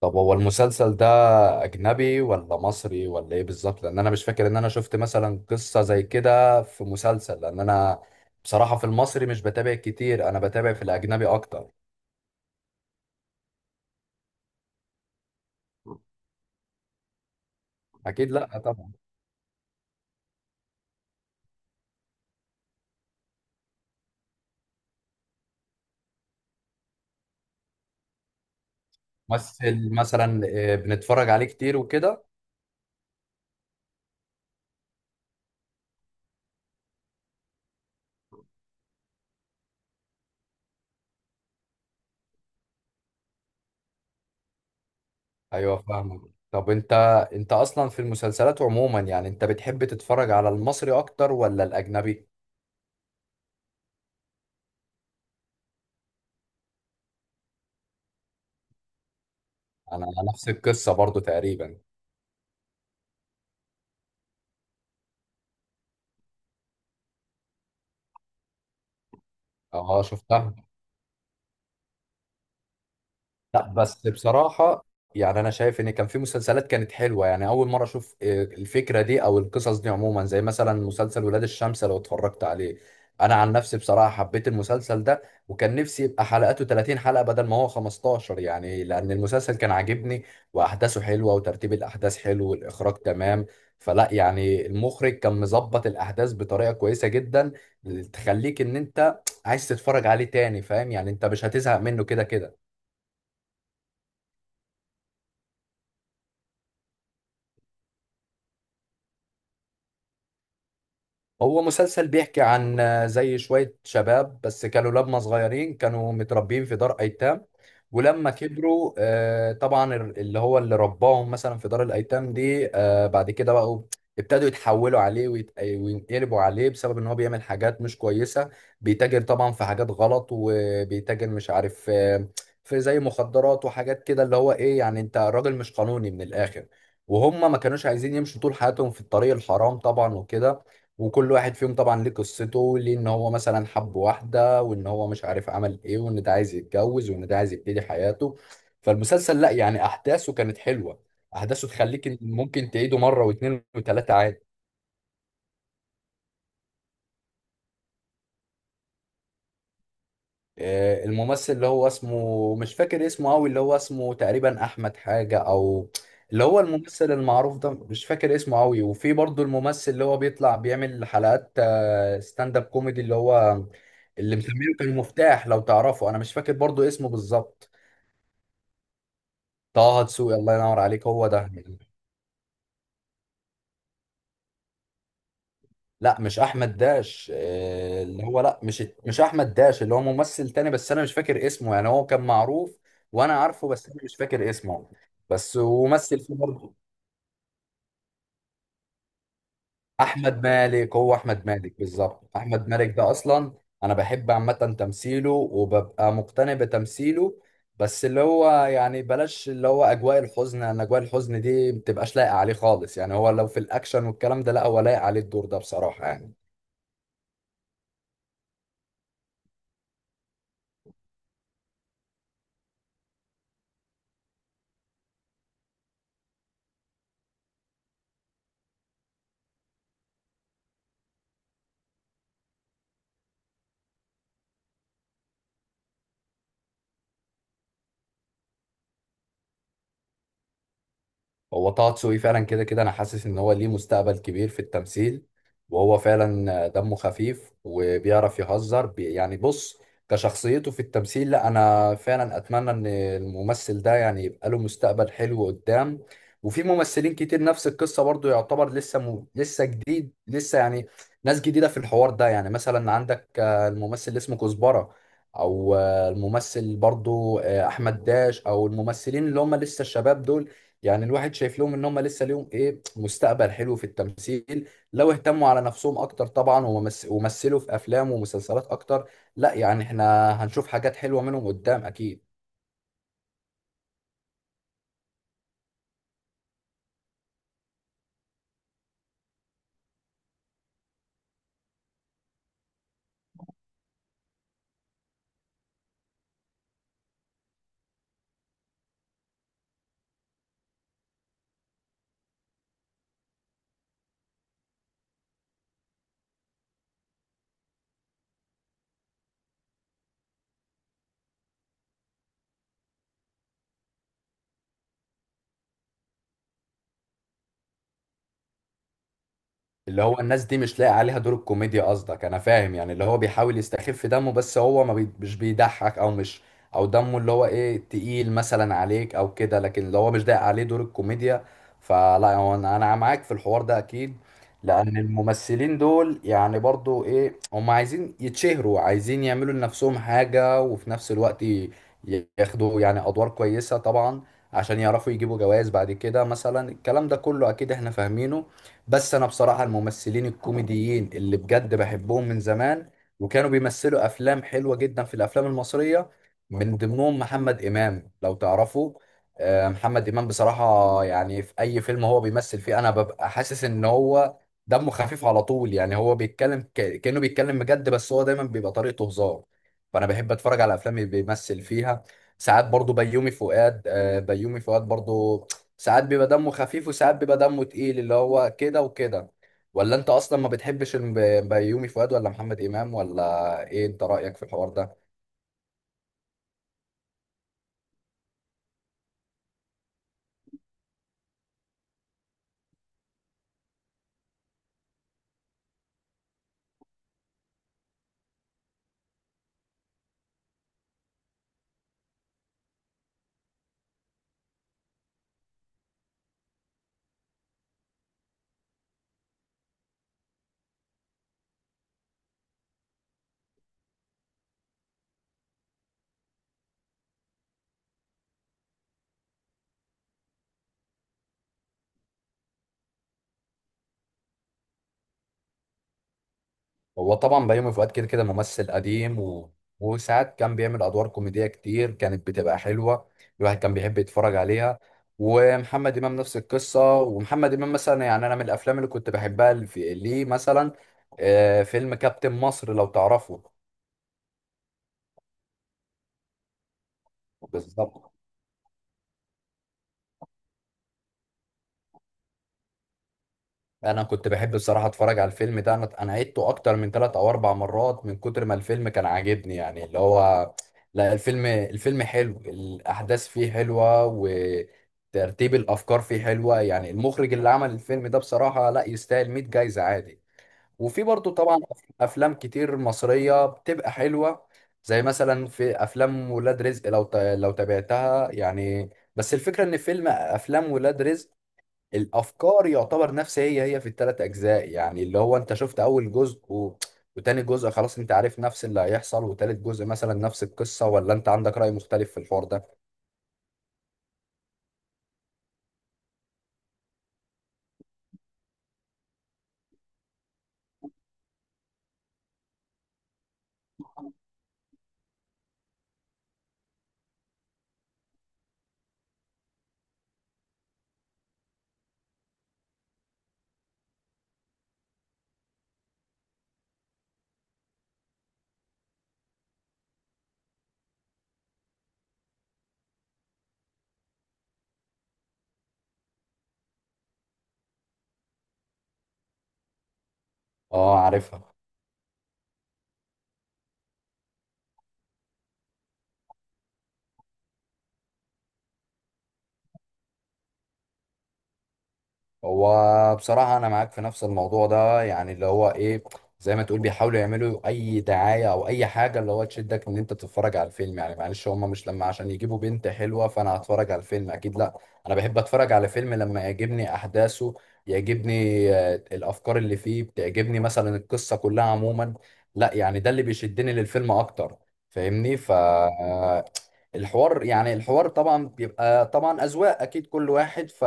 طب هو المسلسل ده أجنبي ولا مصري ولا إيه بالظبط؟ لأن أنا مش فاكر إن أنا شفت مثلا قصة زي كده في مسلسل. لأن أنا بصراحة في المصري مش بتابع كتير، أنا بتابع في الأجنبي أكتر. أكيد لأ، طبعا. ممثل مثلا؟ بنتفرج عليه كتير وكده. ايوه فاهمك. طب انت اصلا في المسلسلات عموما، يعني انت بتحب تتفرج على المصري اكتر ولا الاجنبي؟ انا نفس القصة برضو تقريبا. اه شفتها. لا بس بصراحة، يعني أنا شايف إن كان في مسلسلات كانت حلوة، يعني أول مرة أشوف الفكرة دي أو القصص دي عموما، زي مثلا مسلسل ولاد الشمس لو اتفرجت عليه. أنا عن نفسي بصراحة حبيت المسلسل ده، وكان نفسي يبقى حلقاته 30 حلقة بدل ما هو 15، يعني لأن المسلسل كان عاجبني وأحداثه حلوة وترتيب الأحداث حلو والإخراج تمام. فلا يعني المخرج كان مظبط الأحداث بطريقة كويسة جدا، تخليك إن أنت عايز تتفرج عليه تاني، فاهم؟ يعني أنت مش هتزهق منه كده كده. هو مسلسل بيحكي عن زي شوية شباب، بس كانوا لما صغيرين كانوا متربيين في دار أيتام. ولما كبروا طبعا اللي هو اللي رباهم مثلا في دار الأيتام دي، بعد كده بقوا ابتدوا يتحولوا عليه وينقلبوا عليه، بسبب ان هو بيعمل حاجات مش كويسة. بيتاجر طبعا في حاجات غلط، وبيتاجر مش عارف، في زي مخدرات وحاجات كده. اللي هو ايه يعني، انت راجل مش قانوني من الآخر. وهم ما كانوش عايزين يمشوا طول حياتهم في الطريق الحرام طبعا وكده. وكل واحد فيهم طبعا ليه قصته، ليه ان هو مثلا حب واحدة، وان هو مش عارف عمل ايه، وان ده عايز يتجوز، وان ده عايز يبتدي حياته. فالمسلسل لا يعني احداثه كانت حلوة، احداثه تخليك إن ممكن تعيده مرة واثنين وثلاثة عادي. الممثل اللي هو اسمه مش فاكر اسمه قوي، اللي هو اسمه تقريبا احمد حاجة، او اللي هو الممثل المعروف ده مش فاكر اسمه قوي. وفي برضه الممثل اللي هو بيطلع بيعمل حلقات ستاند اب كوميدي، اللي هو اللي مسميه كان مفتاح، لو تعرفه، انا مش فاكر برضه اسمه بالظبط. طه دسوقي، الله ينور عليك، هو ده. لا مش احمد داش، اللي هو لا مش احمد داش، اللي هو ممثل تاني، بس انا مش فاكر اسمه، يعني هو كان معروف. وانا عارفه بس انا مش فاكر اسمه. بس ومثل فيه برضه. احمد مالك، هو احمد مالك بالظبط. احمد مالك ده اصلا. انا بحب عامه تمثيله وببقى مقتنع بتمثيله. بس اللي هو يعني بلاش اللي هو اجواء الحزن، ان اجواء الحزن دي متبقاش لايقه عليه خالص، يعني هو لو في الاكشن والكلام ده لا هو لايق عليه الدور ده بصراحه يعني. هو طه دسوقي فعلا كده كده انا حاسس ان هو ليه مستقبل كبير في التمثيل. وهو فعلا دمه خفيف وبيعرف يهزر بي يعني، بص، كشخصيته في التمثيل، لا انا فعلا اتمنى ان الممثل ده يعني يبقى له مستقبل حلو قدام. وفي ممثلين كتير نفس القصة برضو، يعتبر لسه لسه جديد، لسه يعني ناس جديدة في الحوار ده. يعني مثلا عندك الممثل اللي اسمه كزبرة، او الممثل برضو احمد داش، او الممثلين اللي هم لسه الشباب دول. يعني الواحد شايف لهم ان هم لسه ليهم ايه مستقبل حلو في التمثيل، لو اهتموا على نفسهم اكتر طبعا ومثلوا في افلام ومسلسلات اكتر. لا يعني احنا هنشوف حاجات حلوة منهم قدام اكيد. اللي هو الناس دي مش لاقي عليها دور الكوميديا قصدك، انا فاهم، يعني اللي هو بيحاول يستخف دمه بس هو ما بي... مش بيضحك، او مش، او دمه اللي هو ايه تقيل مثلا عليك او كده، لكن اللي هو مش لاقي عليه دور الكوميديا. فلا هو انا معاك في الحوار ده اكيد. لان الممثلين دول يعني برضو ايه، هم عايزين يتشهروا، عايزين يعملوا لنفسهم حاجة، وفي نفس الوقت ياخدوا يعني ادوار كويسة طبعا، عشان يعرفوا يجيبوا جوائز بعد كده مثلا. الكلام ده كله اكيد احنا فاهمينه. بس انا بصراحه الممثلين الكوميديين اللي بجد بحبهم من زمان، وكانوا بيمثلوا افلام حلوه جدا في الافلام المصريه. من ضمنهم محمد امام، لو تعرفوا. محمد امام بصراحه، يعني في اي فيلم هو بيمثل فيه انا ببقى حاسس ان هو دمه خفيف على طول. يعني هو بيتكلم كانه بيتكلم بجد، بس هو دايما بيبقى طريقته هزار. فانا بحب اتفرج على الافلام اللي بيمثل فيها. ساعات برضو بيومي فؤاد، بيومي فؤاد برضو ساعات بيبقى دمه خفيف وساعات بيبقى دمه تقيل، اللي هو كده وكده. ولا انت اصلا ما بتحبش بيومي فؤاد ولا محمد امام ولا ايه، انت رايك في الحوار ده؟ هو طبعا بيومي فؤاد كده كده ممثل قديم، وساعات كان بيعمل ادوار كوميديه كتير كانت بتبقى حلوه، الواحد كان بيحب يتفرج عليها. ومحمد امام نفس القصه. ومحمد امام مثلا، يعني انا من الافلام اللي كنت بحبها اللي ليه مثلا فيلم كابتن مصر، لو تعرفه. بالظبط. انا كنت بحب بصراحه اتفرج على الفيلم ده، انا عدته اكتر من ثلاث او اربع مرات من كتر ما الفيلم كان عاجبني يعني. اللي هو لا الفيلم، الفيلم حلو، الاحداث فيه حلوه وترتيب الافكار فيه حلوه. يعني المخرج اللي عمل الفيلم ده بصراحه لا يستاهل 100 جايزه عادي. وفي برضه طبعا افلام كتير مصريه بتبقى حلوه، زي مثلا في افلام ولاد رزق، لو لو تابعتها يعني. بس الفكره ان فيلم افلام ولاد رزق الافكار يعتبر نفس هي هي في الثلاث اجزاء. يعني اللي هو انت شفت اول جزء وتاني جزء خلاص انت عارف نفس اللي هيحصل، وتالت جزء مثلا نفس القصة، ولا انت عندك رأي مختلف في الحوار ده؟ اه عارفها. هو بصراحة أنا معاك في نفس الموضوع ده، يعني اللي هو إيه، زي ما تقول بيحاولوا يعملوا أي دعاية أو أي حاجة اللي هو تشدك إن أنت تتفرج على الفيلم. يعني معلش هما مش لما عشان يجيبوا بنت حلوة فأنا هتفرج على الفيلم، أكيد لأ. أنا بحب أتفرج على فيلم لما يعجبني أحداثه، يعجبني الأفكار اللي فيه بتعجبني، مثلا القصة كلها عموما. لأ يعني ده اللي بيشدني للفيلم أكتر، فاهمني؟ ف الحوار، يعني الحوار طبعا بيبقى طبعا أذواق، أكيد كل واحد. ف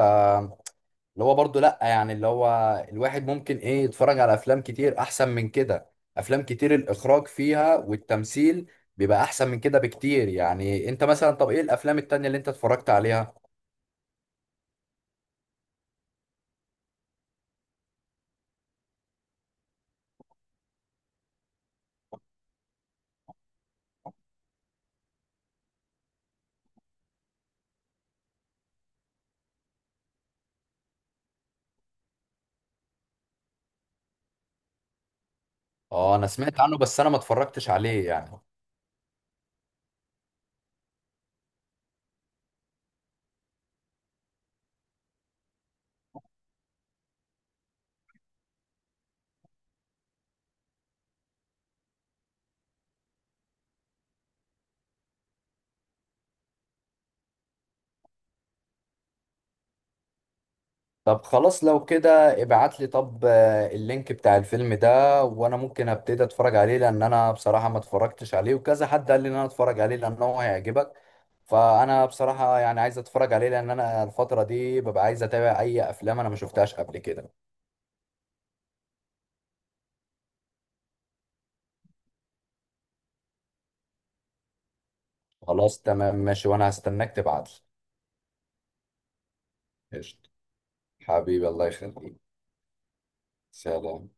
اللي هو برضو، لا يعني اللي هو الواحد ممكن ايه يتفرج على افلام كتير احسن من كده. افلام كتير الاخراج فيها والتمثيل بيبقى احسن من كده بكتير. يعني انت مثلا، طب ايه الافلام التانية اللي انت اتفرجت عليها؟ اه انا سمعت عنه بس انا ما اتفرجتش عليه يعني. طب خلاص لو كده ابعت لي، طب اللينك بتاع الفيلم ده، وانا ممكن ابتدي اتفرج عليه لان انا بصراحة ما اتفرجتش عليه، وكذا حد قال لي ان انا اتفرج عليه لان هو هيعجبك. فانا بصراحة يعني عايز اتفرج عليه لان انا الفترة دي ببقى عايز اتابع اي افلام انا ما شفتهاش قبل كده. خلاص تمام ماشي، وانا هستناك تبعت لي. قشطة. حبيبي، الله يخليك. سلام.